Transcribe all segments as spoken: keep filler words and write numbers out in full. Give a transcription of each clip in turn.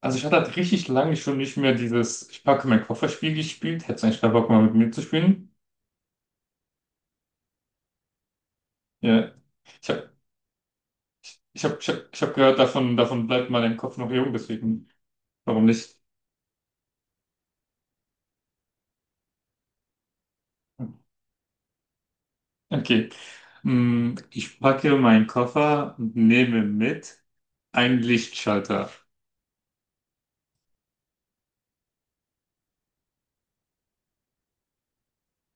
Also ich hatte halt richtig lange schon nicht mehr dieses Ich packe meinen Kofferspiel gespielt. Hättest du eigentlich keinen Bock mal mit mir zu spielen? Ja, ich habe ich hab, ich hab, ich hab gehört, davon, davon bleibt mal dein Kopf noch jung, deswegen warum nicht? Okay. Hm, Ich packe meinen Koffer und nehme mit einen Lichtschalter.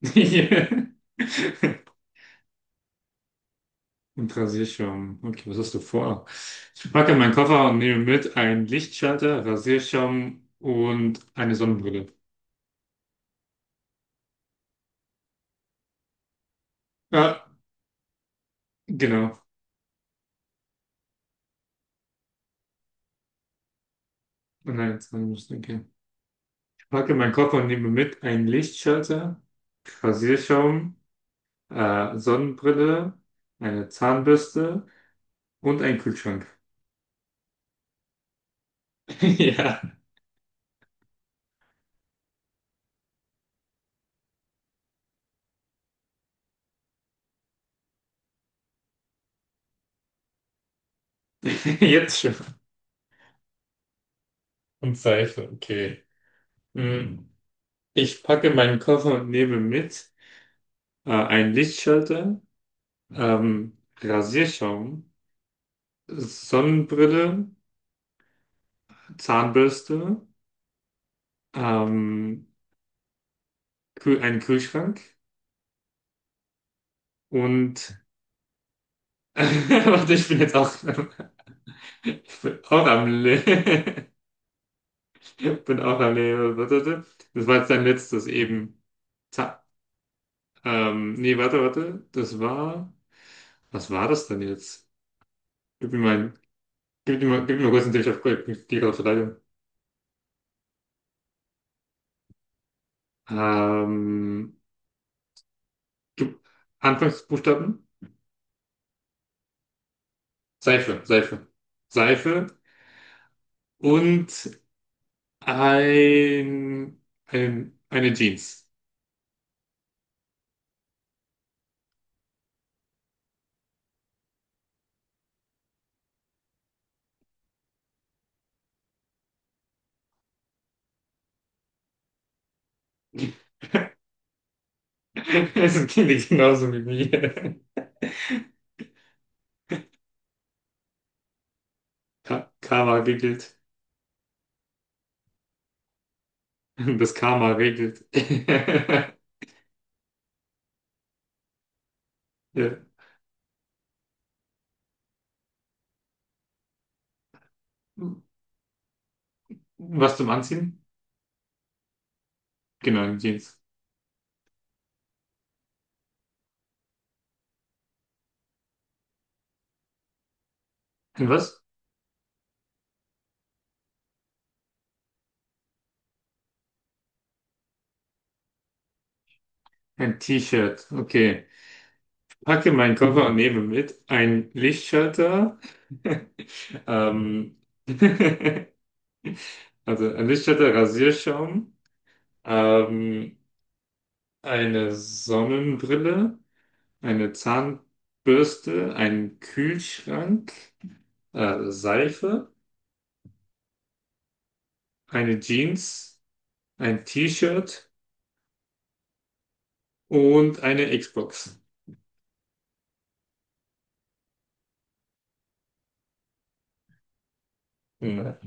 Im Rasierschaum. Okay, was hast du vor? Ich packe meinen Koffer und nehme mit einen Lichtschalter, Rasierschaum und eine Sonnenbrille. Ja, genau. Nein, jetzt haben wir es, okay. Ich packe meinen Koffer und nehme mit einen Lichtschalter, Rasierschaum, äh, Sonnenbrille, eine Zahnbürste und einen Kühlschrank. Ja, jetzt schon. Und Seife, okay. Hm. Ich packe meinen Koffer und nehme mit äh, einen Lichtschalter, ähm, Rasierschaum, Sonnenbrille, Zahnbürste, ähm, Kühl einen Kühlschrank und... Warte, ich bin jetzt auch... Ich bin auch am Leben. Ich bin auch am Leben. Warte, warte. Das war jetzt dein letztes eben. Za ähm, nee, warte, warte. Das war. Was war das denn jetzt? Gib mir mal, gib mir mal, gib mir mal kurz einen Tipp. Auf bin dir gerade leider. Ähm, gib, Anfangsbuchstaben? Seife, Seife. Seife und ein, ein, eine Jeans. Es klingt genauso wie mir. Ka- Karma giggelt. Das Karma regelt. Ja. Was zum Anziehen? Genau, ein Jeans. Ein was? Ein T-Shirt. Okay. Packe meinen Koffer und nehme mit ein Lichtschalter. Ähm, also ein Lichtschalter, Rasierschaum, ähm, eine Sonnenbrille, eine Zahnbürste, einen Kühlschrank, äh, Seife, eine Jeans, ein T-Shirt und eine Xbox. Ja.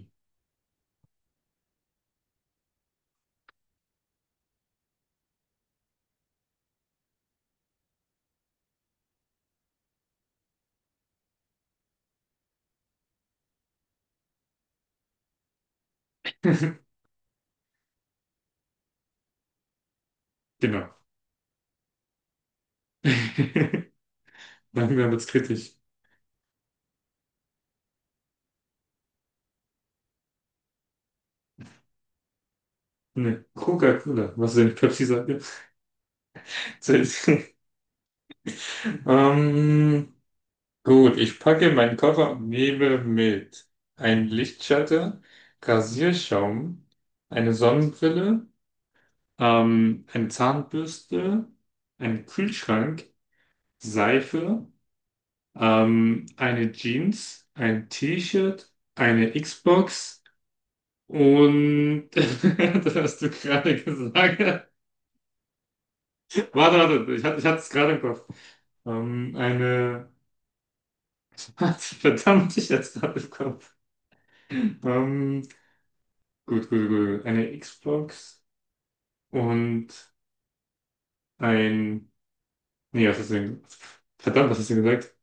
Genau. Langsam wird's kritisch. Ne, Coca-Cola. Was denn? Pepsi sagt ihr? Selbst. Ähm, gut, ich packe meinen Koffer und nehme mit ein Lichtschalter, Rasierschaum, eine Sonnenbrille, ähm, eine Zahnbürste, einen Kühlschrank, Seife, ähm, eine Jeans, ein T-Shirt, eine Xbox und das hast du gerade gesagt. Warte, warte, ich hatte, ich hatte es gerade im Kopf. Ähm, eine. Verdammt, ich hatte es gerade im Kopf. Ähm, gut, gut, gut. Eine Xbox und ein. Nee, was hast du denn? Verdammt, was hast du gesagt?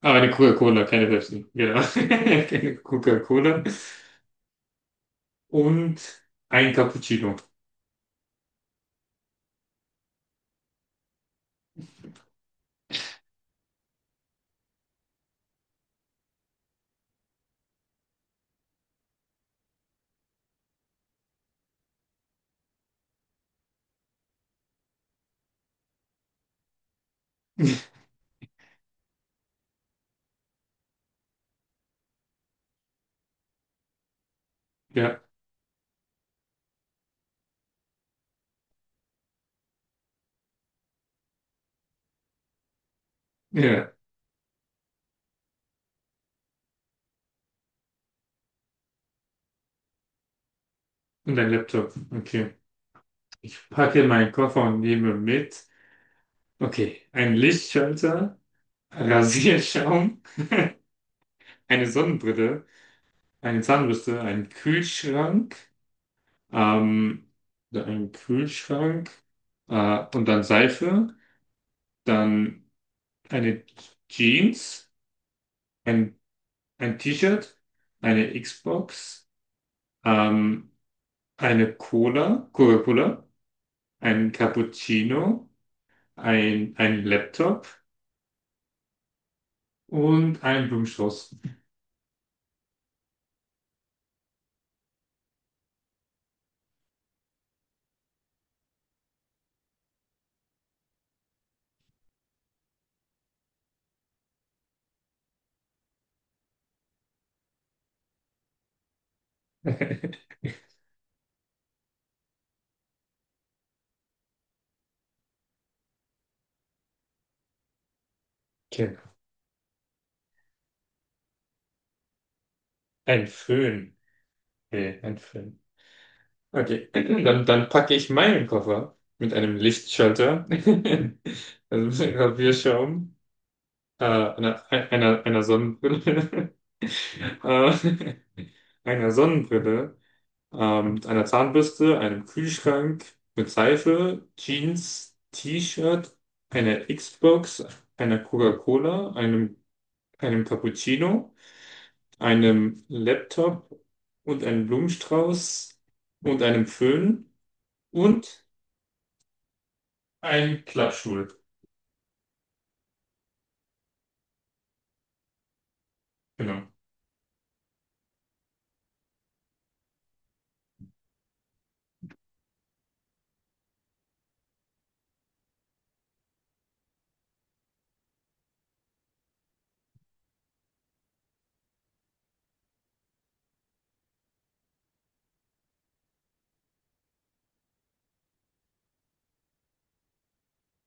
Ah, eine Coca-Cola, keine Pepsi. Genau. Eine Coca-Cola und ein Cappuccino. Ja, ja. Und ein Laptop. Okay. Ich packe meinen Koffer und nehme mit. Okay, ein Lichtschalter, Rasierschaum. Eine Sonnenbrille, eine Zahnbürste, einen Kühlschrank, ähm, oder einen Kühlschrank äh, und dann Seife, dann eine Jeans, ein, ein T-Shirt, eine Xbox, ähm, eine Cola, Coca-Cola, ein Cappuccino, ein, ein Laptop und einen Blumenstrauß. Genau. Ein Föhn. Nee, ein Föhn. Okay, dann, dann packe ich meinen Koffer mit einem Lichtschalter, also mit einem Rasierschaum, äh, einer, einer, einer Sonnenbrille, äh, einer Sonnenbrille, ähm, einer Zahnbürste, einem Kühlschrank mit Seife, Jeans, T-Shirt, einer Xbox, einer Coca-Cola, einem, einem Cappuccino, einem Laptop und einem Blumenstrauß und einem Föhn und ein Klappstuhl, genau.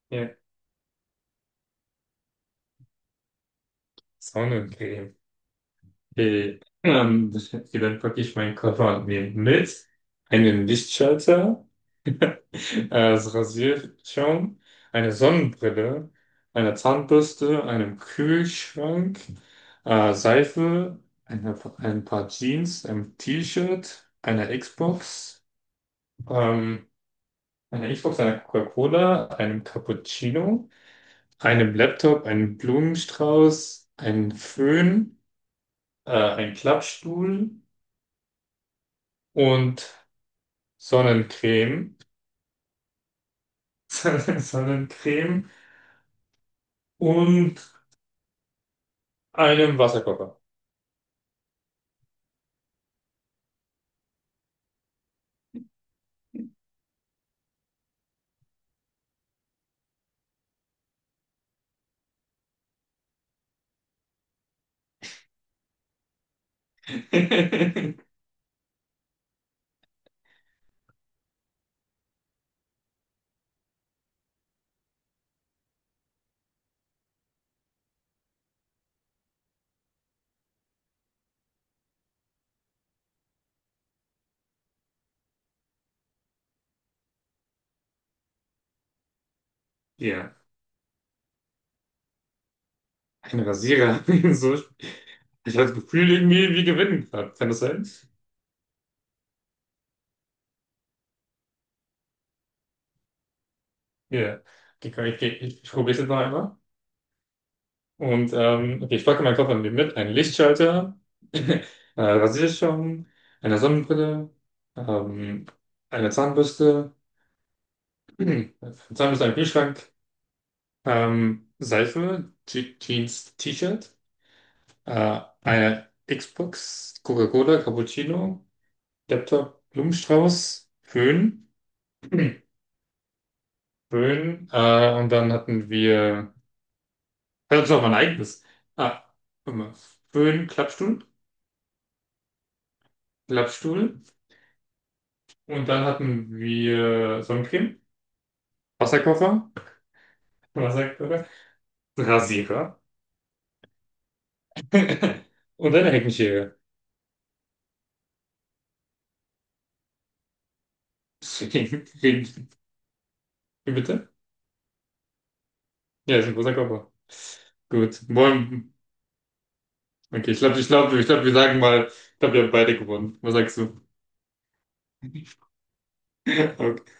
Ja, ist auch eine Creme. Okay. Ähm, okay, dann packe ich meinen Koffer und mit einen Lichtschalter, äh, das Rasierschaum, eine Sonnenbrille, eine Zahnbürste, einen Kühlschrank, äh, Seife, eine, ein paar Jeans, ein T-Shirt, eine Xbox, ähm, eine Xbox, eine Coca-Cola, einem Cappuccino. Einem Laptop, einen Blumenstrauß, einen Föhn, äh, einen Klappstuhl und Sonnencreme, Sonnencreme und einem Wasserkocher. Ja, ein Rasierer. So, ich habe das Gefühl, irgendwie, wir gewinnen gerade. Kann das sein? Ja. Okay, komm, ich, ich, ich probiere es jetzt noch einmal. Und ähm, okay, ich packe meinen Koffer mit, mit einen Lichtschalter, äh, Rasierschaum, eine Sonnenbrille, ähm, eine Zahnbürste, Zahnbürste, einen Kühlschrank, ähm, Seife, Je Jeans, T-Shirt, äh, eine Xbox, Coca-Cola, Cappuccino, Laptop, Blumenstrauß, Föhn, Föhn, äh, und dann hatten wir, das ist auch mein eigenes, ah, warte mal, Föhn, Klappstuhl, Klappstuhl, und dann hatten wir Sonnencreme, Wasserkocher, Wasserkocher, Rasierer und eine Heckenschere. Deswegen, wie bitte? Ja, ist ein großer Koffer. Gut. Wollen- Okay, ich glaube, ich glaube, ich glaube, wir sagen mal, ich glaube, wir haben beide gewonnen. Was sagst du? Okay.